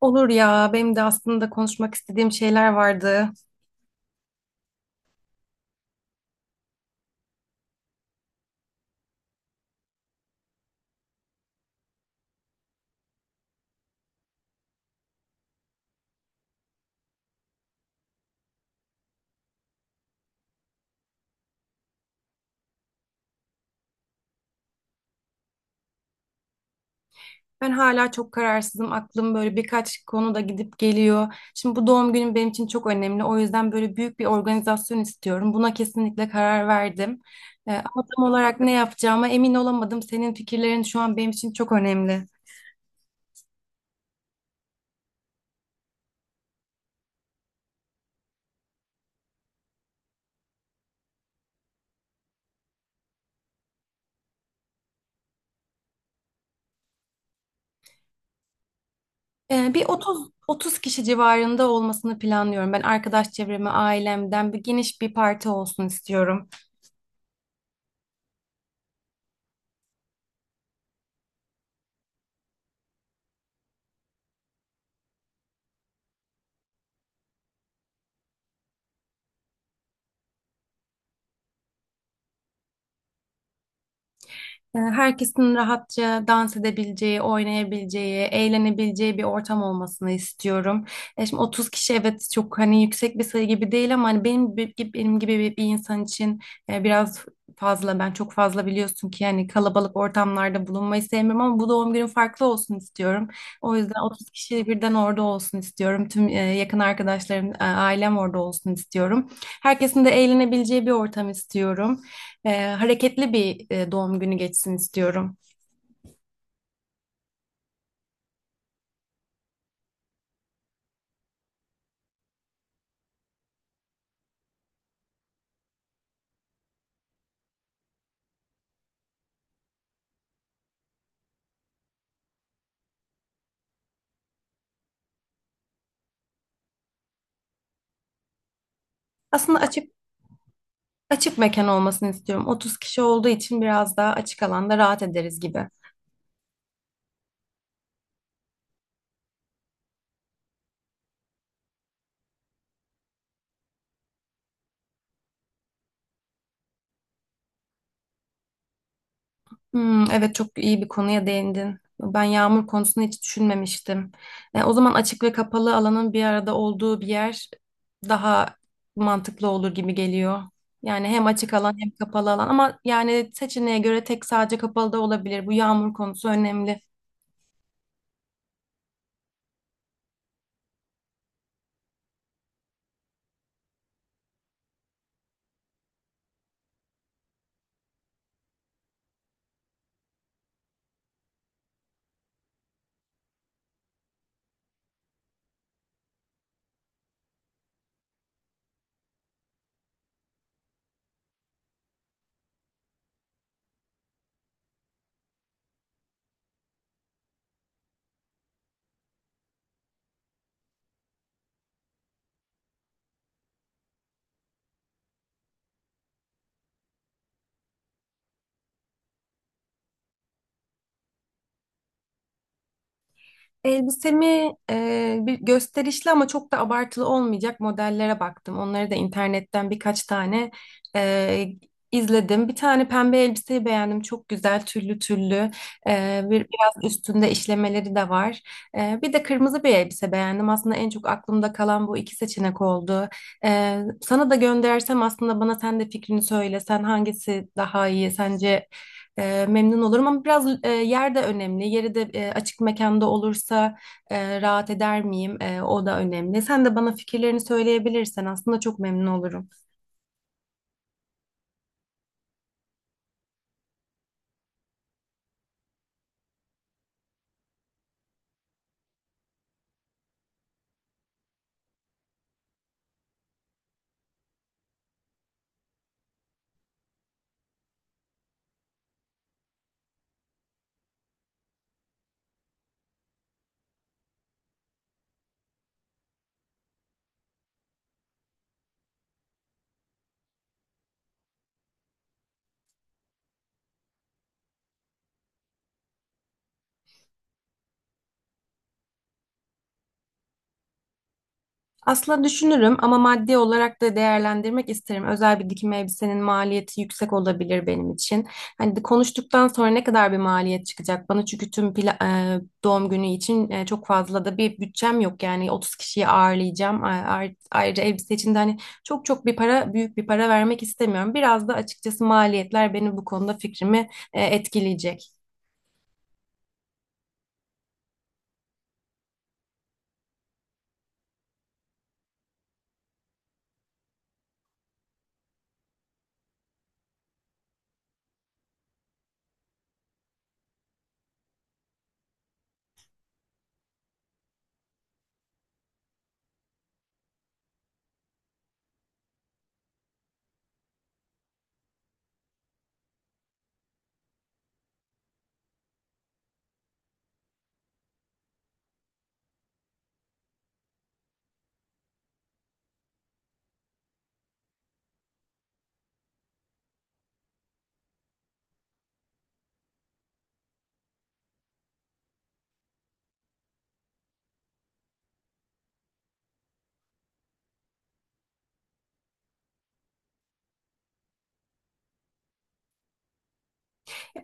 Olur ya, benim de aslında konuşmak istediğim şeyler vardı. Ben hala çok kararsızım. Aklım böyle birkaç konuda gidip geliyor. Şimdi bu doğum günüm benim için çok önemli. O yüzden böyle büyük bir organizasyon istiyorum. Buna kesinlikle karar verdim. Ama tam olarak ne yapacağıma emin olamadım. Senin fikirlerin şu an benim için çok önemli. Bir 30 kişi civarında olmasını planlıyorum. Ben arkadaş çevremi, ailemden bir geniş bir parti olsun istiyorum. Herkesin rahatça dans edebileceği, oynayabileceği, eğlenebileceği bir ortam olmasını istiyorum. Şimdi 30 kişi evet çok hani yüksek bir sayı gibi değil ama hani benim gibi bir insan için biraz fazla. Ben çok fazla biliyorsun ki yani kalabalık ortamlarda bulunmayı sevmiyorum ama bu doğum günüm farklı olsun istiyorum. O yüzden 30 kişi birden orada olsun istiyorum. Tüm yakın arkadaşlarım, ailem orada olsun istiyorum. Herkesin de eğlenebileceği bir ortam istiyorum, hareketli bir doğum günü geçsin istiyorum. Aslında açık Açık mekan olmasını istiyorum. 30 kişi olduğu için biraz daha açık alanda rahat ederiz gibi. Hmm, evet çok iyi bir konuya değindin. Ben yağmur konusunu hiç düşünmemiştim. E, o zaman açık ve kapalı alanın bir arada olduğu bir yer daha mantıklı olur gibi geliyor. Yani hem açık alan hem kapalı alan ama yani seçeneğe göre tek sadece kapalı da olabilir. Bu yağmur konusu önemli. Elbisemi bir gösterişli ama çok da abartılı olmayacak modellere baktım. Onları da internetten birkaç tane e, izledim. Bir tane pembe elbiseyi beğendim. Çok güzel tüllü tüllü. Biraz üstünde işlemeleri de var. Bir de kırmızı bir elbise beğendim. Aslında en çok aklımda kalan bu iki seçenek oldu. Sana da göndersem aslında bana sen de fikrini söyle. Sen hangisi daha iyi? Sence memnun olurum ama biraz yer de önemli. Yeri de açık mekanda olursa rahat eder miyim? E, o da önemli. Sen de bana fikirlerini söyleyebilirsen aslında çok memnun olurum. Aslında düşünürüm ama maddi olarak da değerlendirmek isterim. Özel bir dikim elbisenin maliyeti yüksek olabilir benim için. Hani de konuştuktan sonra ne kadar bir maliyet çıkacak bana çünkü doğum günü için çok fazla da bir bütçem yok. Yani 30 kişiyi ağırlayacağım. Ayrıca elbise için de hani büyük bir para vermek istemiyorum. Biraz da açıkçası maliyetler beni bu konuda fikrimi etkileyecek.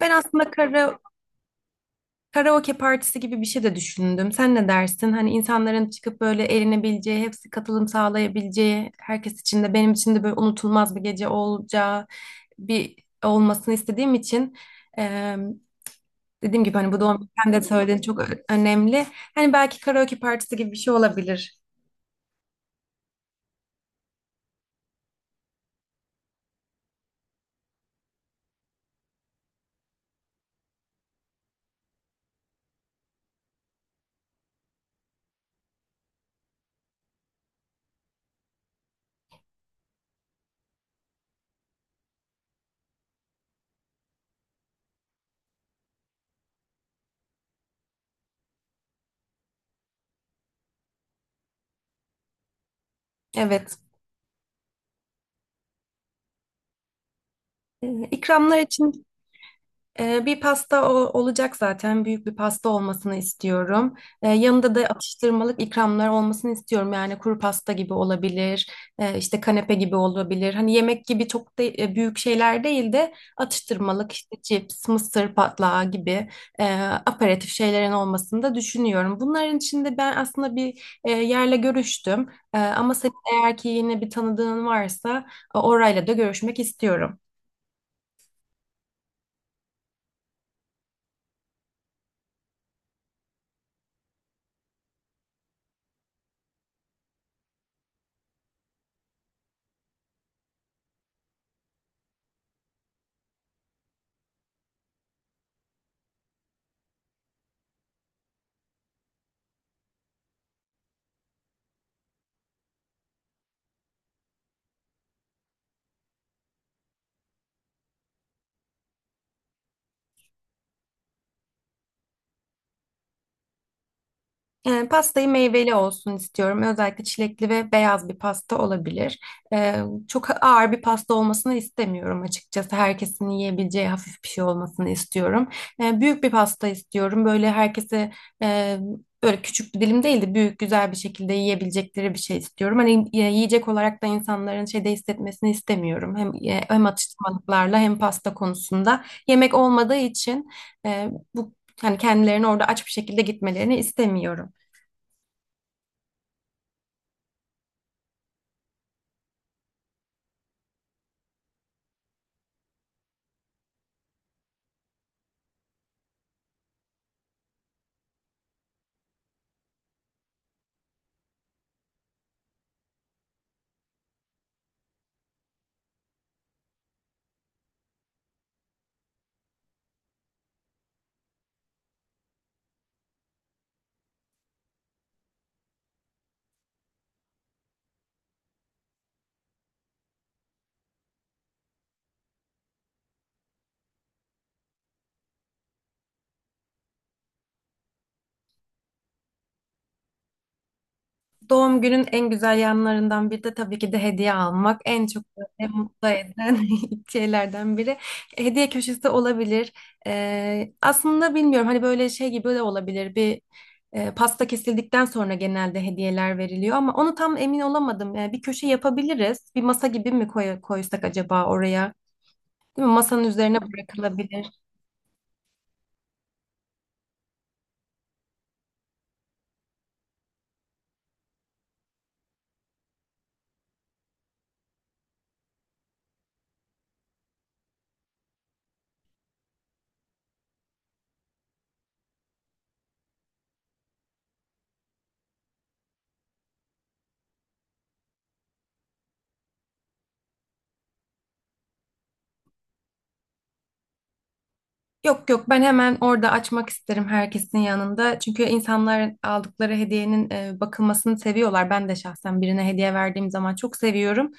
Ben aslında kara Karaoke partisi gibi bir şey de düşündüm. Sen ne dersin? Hani insanların çıkıp böyle eğlenebileceği, hepsi katılım sağlayabileceği, herkes için de benim için de böyle unutulmaz bir gece olacağı bir olmasını istediğim için eee, dediğim gibi hani bu doğum günü sen de söylediğin çok önemli. Hani belki karaoke partisi gibi bir şey olabilir. Evet. İkramlar için bir pasta olacak zaten. Büyük bir pasta olmasını istiyorum. Yanında da atıştırmalık ikramlar olmasını istiyorum. Yani kuru pasta gibi olabilir, işte kanepe gibi olabilir. Hani yemek gibi çok da büyük şeyler değil de atıştırmalık işte cips, mısır patlağı gibi e, aperatif şeylerin olmasını da düşünüyorum. Bunların içinde ben aslında bir yerle görüştüm. E, ama senin eğer ki yine bir tanıdığın varsa orayla da görüşmek istiyorum. E, pastayı meyveli olsun istiyorum. Özellikle çilekli ve beyaz bir pasta olabilir. E, Çok ağır bir pasta olmasını istemiyorum açıkçası. Herkesin yiyebileceği hafif bir şey olmasını istiyorum. Büyük bir pasta istiyorum. Böyle herkese e, böyle küçük bir dilim değil de büyük güzel bir şekilde yiyebilecekleri bir şey istiyorum. Hani yiyecek olarak da insanların şeyde hissetmesini istemiyorum. Hem atıştırmalıklarla hem pasta konusunda. Yemek olmadığı için e, bu yani kendilerini orada aç bir şekilde gitmelerini istemiyorum. Doğum günün en güzel yanlarından biri de tabii ki de hediye almak. En çok böyle mutlu eden şeylerden biri. Hediye köşesi olabilir. Aslında bilmiyorum hani böyle şey gibi de olabilir. Bir pasta kesildikten sonra genelde hediyeler veriliyor ama onu tam emin olamadım. Yani bir köşe yapabiliriz. Bir masa gibi mi koysak acaba oraya? Değil mi? Masanın üzerine bırakılabilir. Yok yok ben hemen orada açmak isterim herkesin yanında. Çünkü insanlar aldıkları hediyenin bakılmasını seviyorlar. Ben de şahsen birine hediye verdiğim zaman çok seviyorum.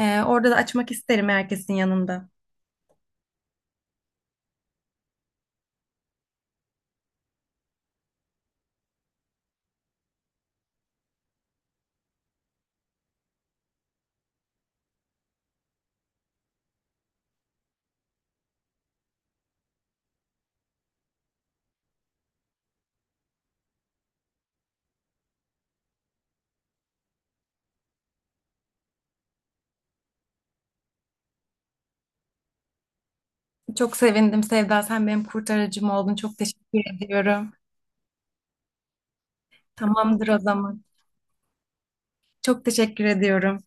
E, orada da açmak isterim herkesin yanında. Çok sevindim Sevda. Sen benim kurtarıcım oldun. Çok teşekkür ediyorum. Tamamdır o zaman. Çok teşekkür ediyorum.